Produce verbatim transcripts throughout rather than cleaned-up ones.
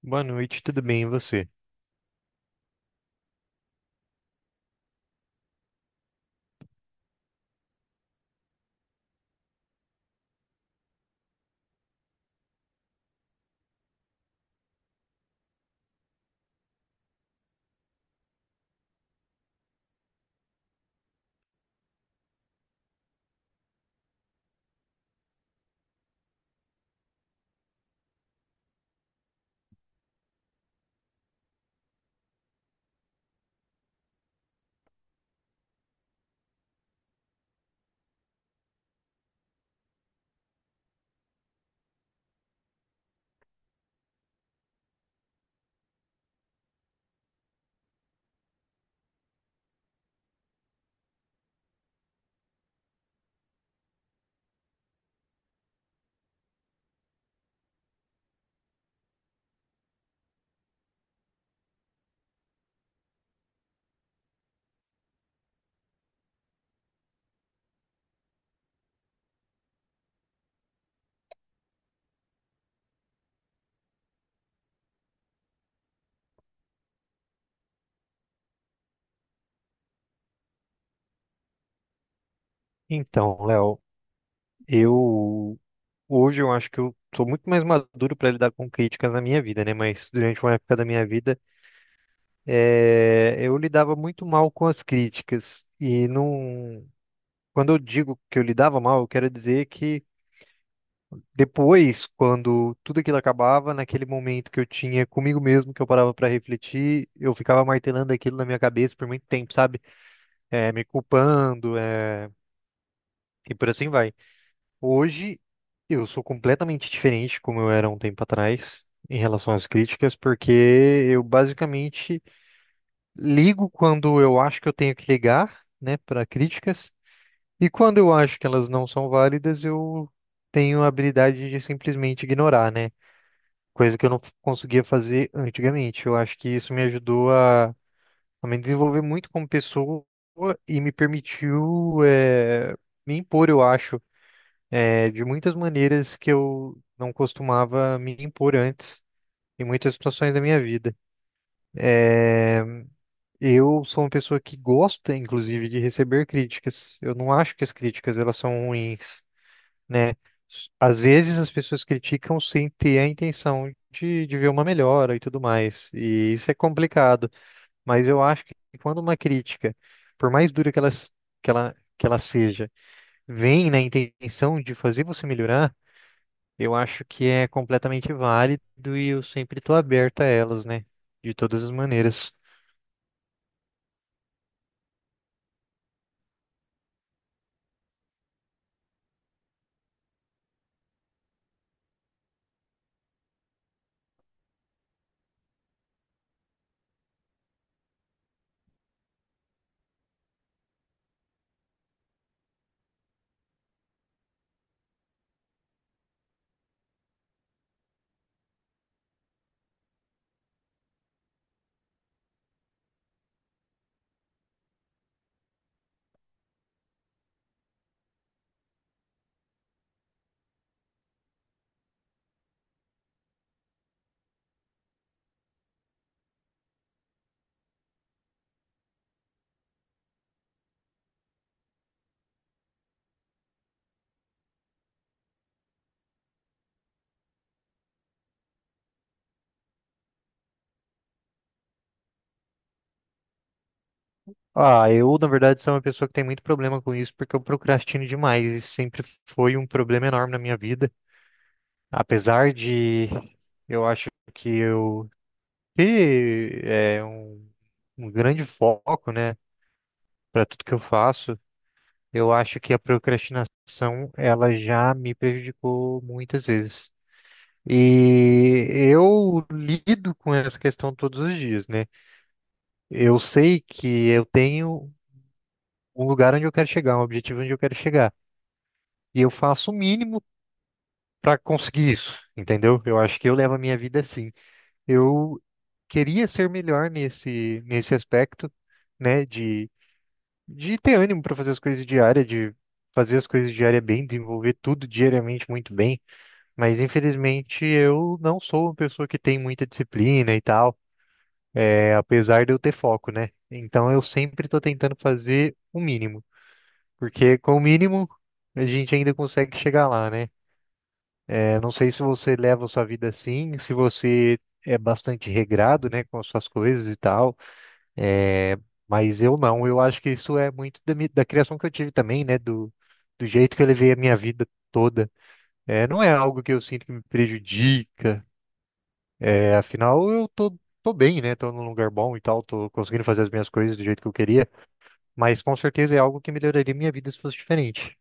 Boa noite, tudo bem, e você? Então, Léo, eu hoje eu acho que eu sou muito mais maduro para lidar com críticas na minha vida, né? Mas durante uma época da minha vida, eh, eu lidava muito mal com as críticas e não. Quando eu digo que eu lidava mal, eu quero dizer que depois, quando tudo aquilo acabava, naquele momento que eu tinha comigo mesmo, que eu parava para refletir, eu ficava martelando aquilo na minha cabeça por muito tempo, sabe? Eh, me culpando, eh, e por assim vai. Hoje eu sou completamente diferente como eu era um tempo atrás em relação às críticas, porque eu basicamente ligo quando eu acho que eu tenho que ligar, né, para críticas, e quando eu acho que elas não são válidas, eu tenho a habilidade de simplesmente ignorar, né? Coisa que eu não f- conseguia fazer antigamente. Eu acho que isso me ajudou a, a me desenvolver muito como pessoa e me permitiu, eh, me impor, eu acho é, de muitas maneiras que eu não costumava me impor antes, em muitas situações da minha vida. É, eu sou uma pessoa que gosta, inclusive, de receber críticas. Eu não acho que as críticas elas são ruins, né? S- Às vezes as pessoas criticam sem ter a intenção de, de ver uma melhora e tudo mais, e isso é complicado. Mas eu acho que quando uma crítica, por mais dura que ela, s- que ela, que ela seja, vem na intenção de fazer você melhorar, eu acho que é completamente válido e eu sempre estou aberto a elas, né? De todas as maneiras. Ah, eu, na verdade, sou uma pessoa que tem muito problema com isso porque eu procrastino demais. Isso sempre foi um problema enorme na minha vida. Apesar de eu acho que eu ter é, um, um grande foco, né, para tudo que eu faço, eu acho que a procrastinação, ela já me prejudicou muitas vezes. E eu lido com essa questão todos os dias, né? Eu sei que eu tenho um lugar onde eu quero chegar, um objetivo onde eu quero chegar. E eu faço o mínimo para conseguir isso, entendeu? Eu acho que eu levo a minha vida assim. Eu queria ser melhor nesse, nesse aspecto, né? De, de ter ânimo para fazer as coisas diárias, de fazer as coisas diárias bem, desenvolver tudo diariamente muito bem. Mas infelizmente eu não sou uma pessoa que tem muita disciplina e tal. É, apesar de eu ter foco, né? Então eu sempre estou tentando fazer o mínimo, porque com o mínimo a gente ainda consegue chegar lá, né? É, não sei se você leva a sua vida assim, se você é bastante regrado, né, com as suas coisas e tal, é, mas eu não, eu acho que isso é muito da, mi- da criação que eu tive também, né, do, do jeito que eu levei a minha vida toda. É, não é algo que eu sinto que me prejudica, é, afinal eu tô, tô bem, né, tô num lugar bom e tal, tô conseguindo fazer as minhas coisas do jeito que eu queria. Mas com certeza é algo que melhoraria minha vida se fosse diferente.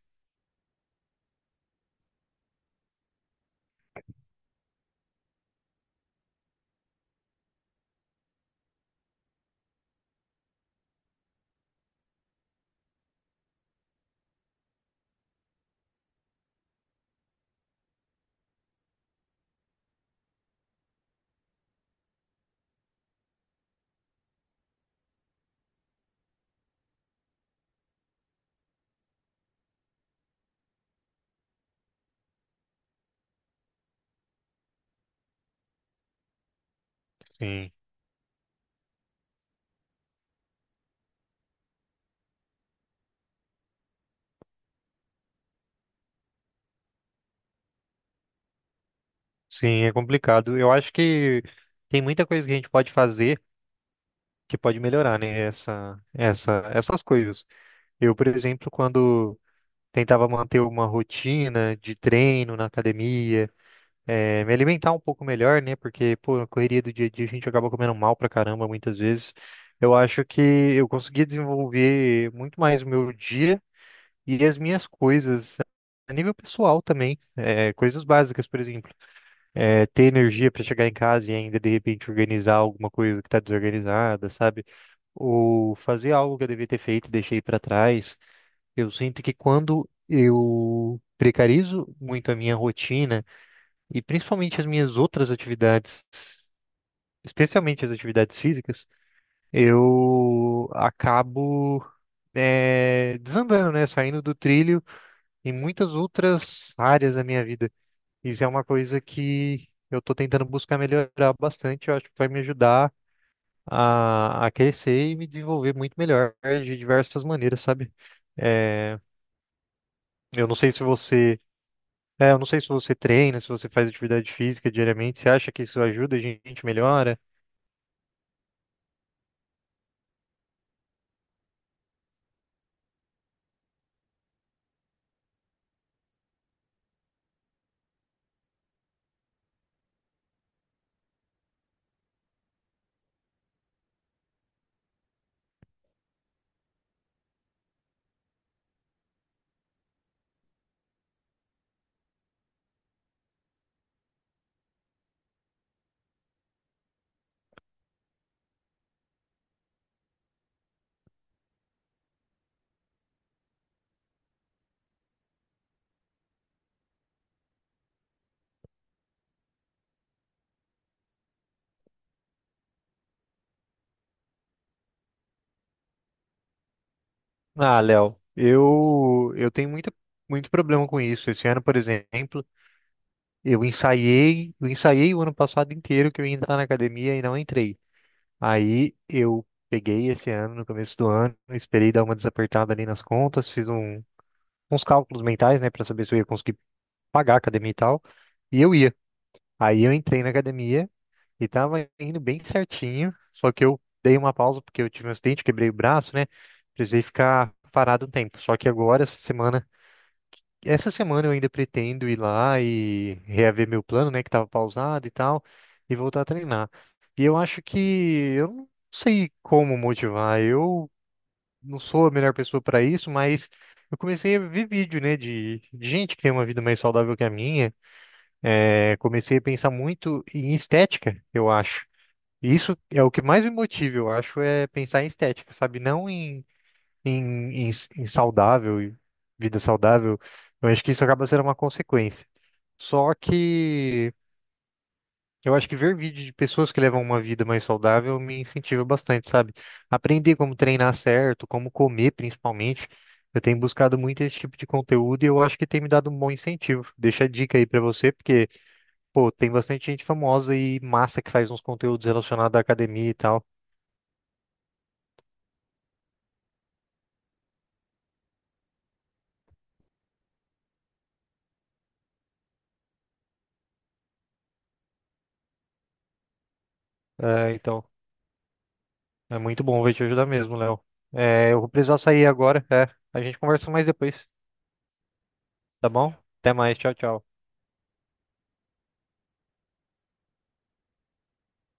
Sim, sim, é complicado. Eu acho que tem muita coisa que a gente pode fazer que pode melhorar, né? Essa, essa, essas coisas. Eu, por exemplo, quando tentava manter uma rotina de treino na academia, eh, me alimentar um pouco melhor, né? Porque, pô, a correria do dia a dia a gente acaba comendo mal pra caramba muitas vezes. Eu acho que eu consegui desenvolver muito mais o meu dia e as minhas coisas a nível pessoal também, é, coisas básicas, por exemplo, é, ter energia para chegar em casa e ainda de repente organizar alguma coisa que está desorganizada, sabe? Ou fazer algo que eu devia ter feito e deixei para trás. Eu sinto que quando eu precarizo muito a minha rotina e principalmente as minhas outras atividades, especialmente as atividades físicas, eu acabo é, desandando, né? Saindo do trilho em muitas outras áreas da minha vida. Isso é uma coisa que eu estou tentando buscar melhorar bastante. Eu acho que vai me ajudar a, a crescer e me desenvolver muito melhor de diversas maneiras, sabe? É, eu não sei se você, é, eu não sei se você treina, se você faz atividade física diariamente. Você acha que isso ajuda, a gente melhora? Ah, Léo, eu eu tenho muita muito problema com isso. Esse ano, por exemplo, eu ensaiei, eu ensaiei o ano passado inteiro que eu ia entrar na academia e não entrei. Aí eu peguei esse ano, no começo do ano, esperei dar uma desapertada ali nas contas, fiz um- uns cálculos mentais, né, para saber se eu ia conseguir pagar a academia e tal. E eu ia. Aí eu entrei na academia e tava indo bem certinho, só que eu dei uma pausa porque eu tive um acidente, quebrei o braço, né? Precisei ficar parado um tempo. Só que agora, essa semana. Essa semana eu ainda pretendo ir lá e reaver meu plano, né, que estava pausado e tal, e voltar a treinar. E eu acho que eu não sei como motivar. Eu não sou a melhor pessoa para isso, mas eu comecei a ver vídeo, né, de, de gente que tem uma vida mais saudável que a minha. É, comecei a pensar muito em estética, eu acho. E isso é o que mais me motiva, eu acho, é pensar em estética, sabe? Não em, em, em, em saudável, vida saudável. Eu acho que isso acaba sendo uma consequência. Só que eu acho que ver vídeo de pessoas que levam uma vida mais saudável me incentiva bastante, sabe? Aprender como treinar certo, como comer principalmente. Eu tenho buscado muito esse tipo de conteúdo e eu acho que tem me dado um bom incentivo. Deixa a dica aí pra você, porque, pô, tem bastante gente famosa e massa que faz uns conteúdos relacionados à academia e tal. É, então, é muito bom, vai te ajudar mesmo, Léo. É, eu vou precisar sair agora, é. A gente conversa mais depois, tá bom? Até mais, tchau, tchau.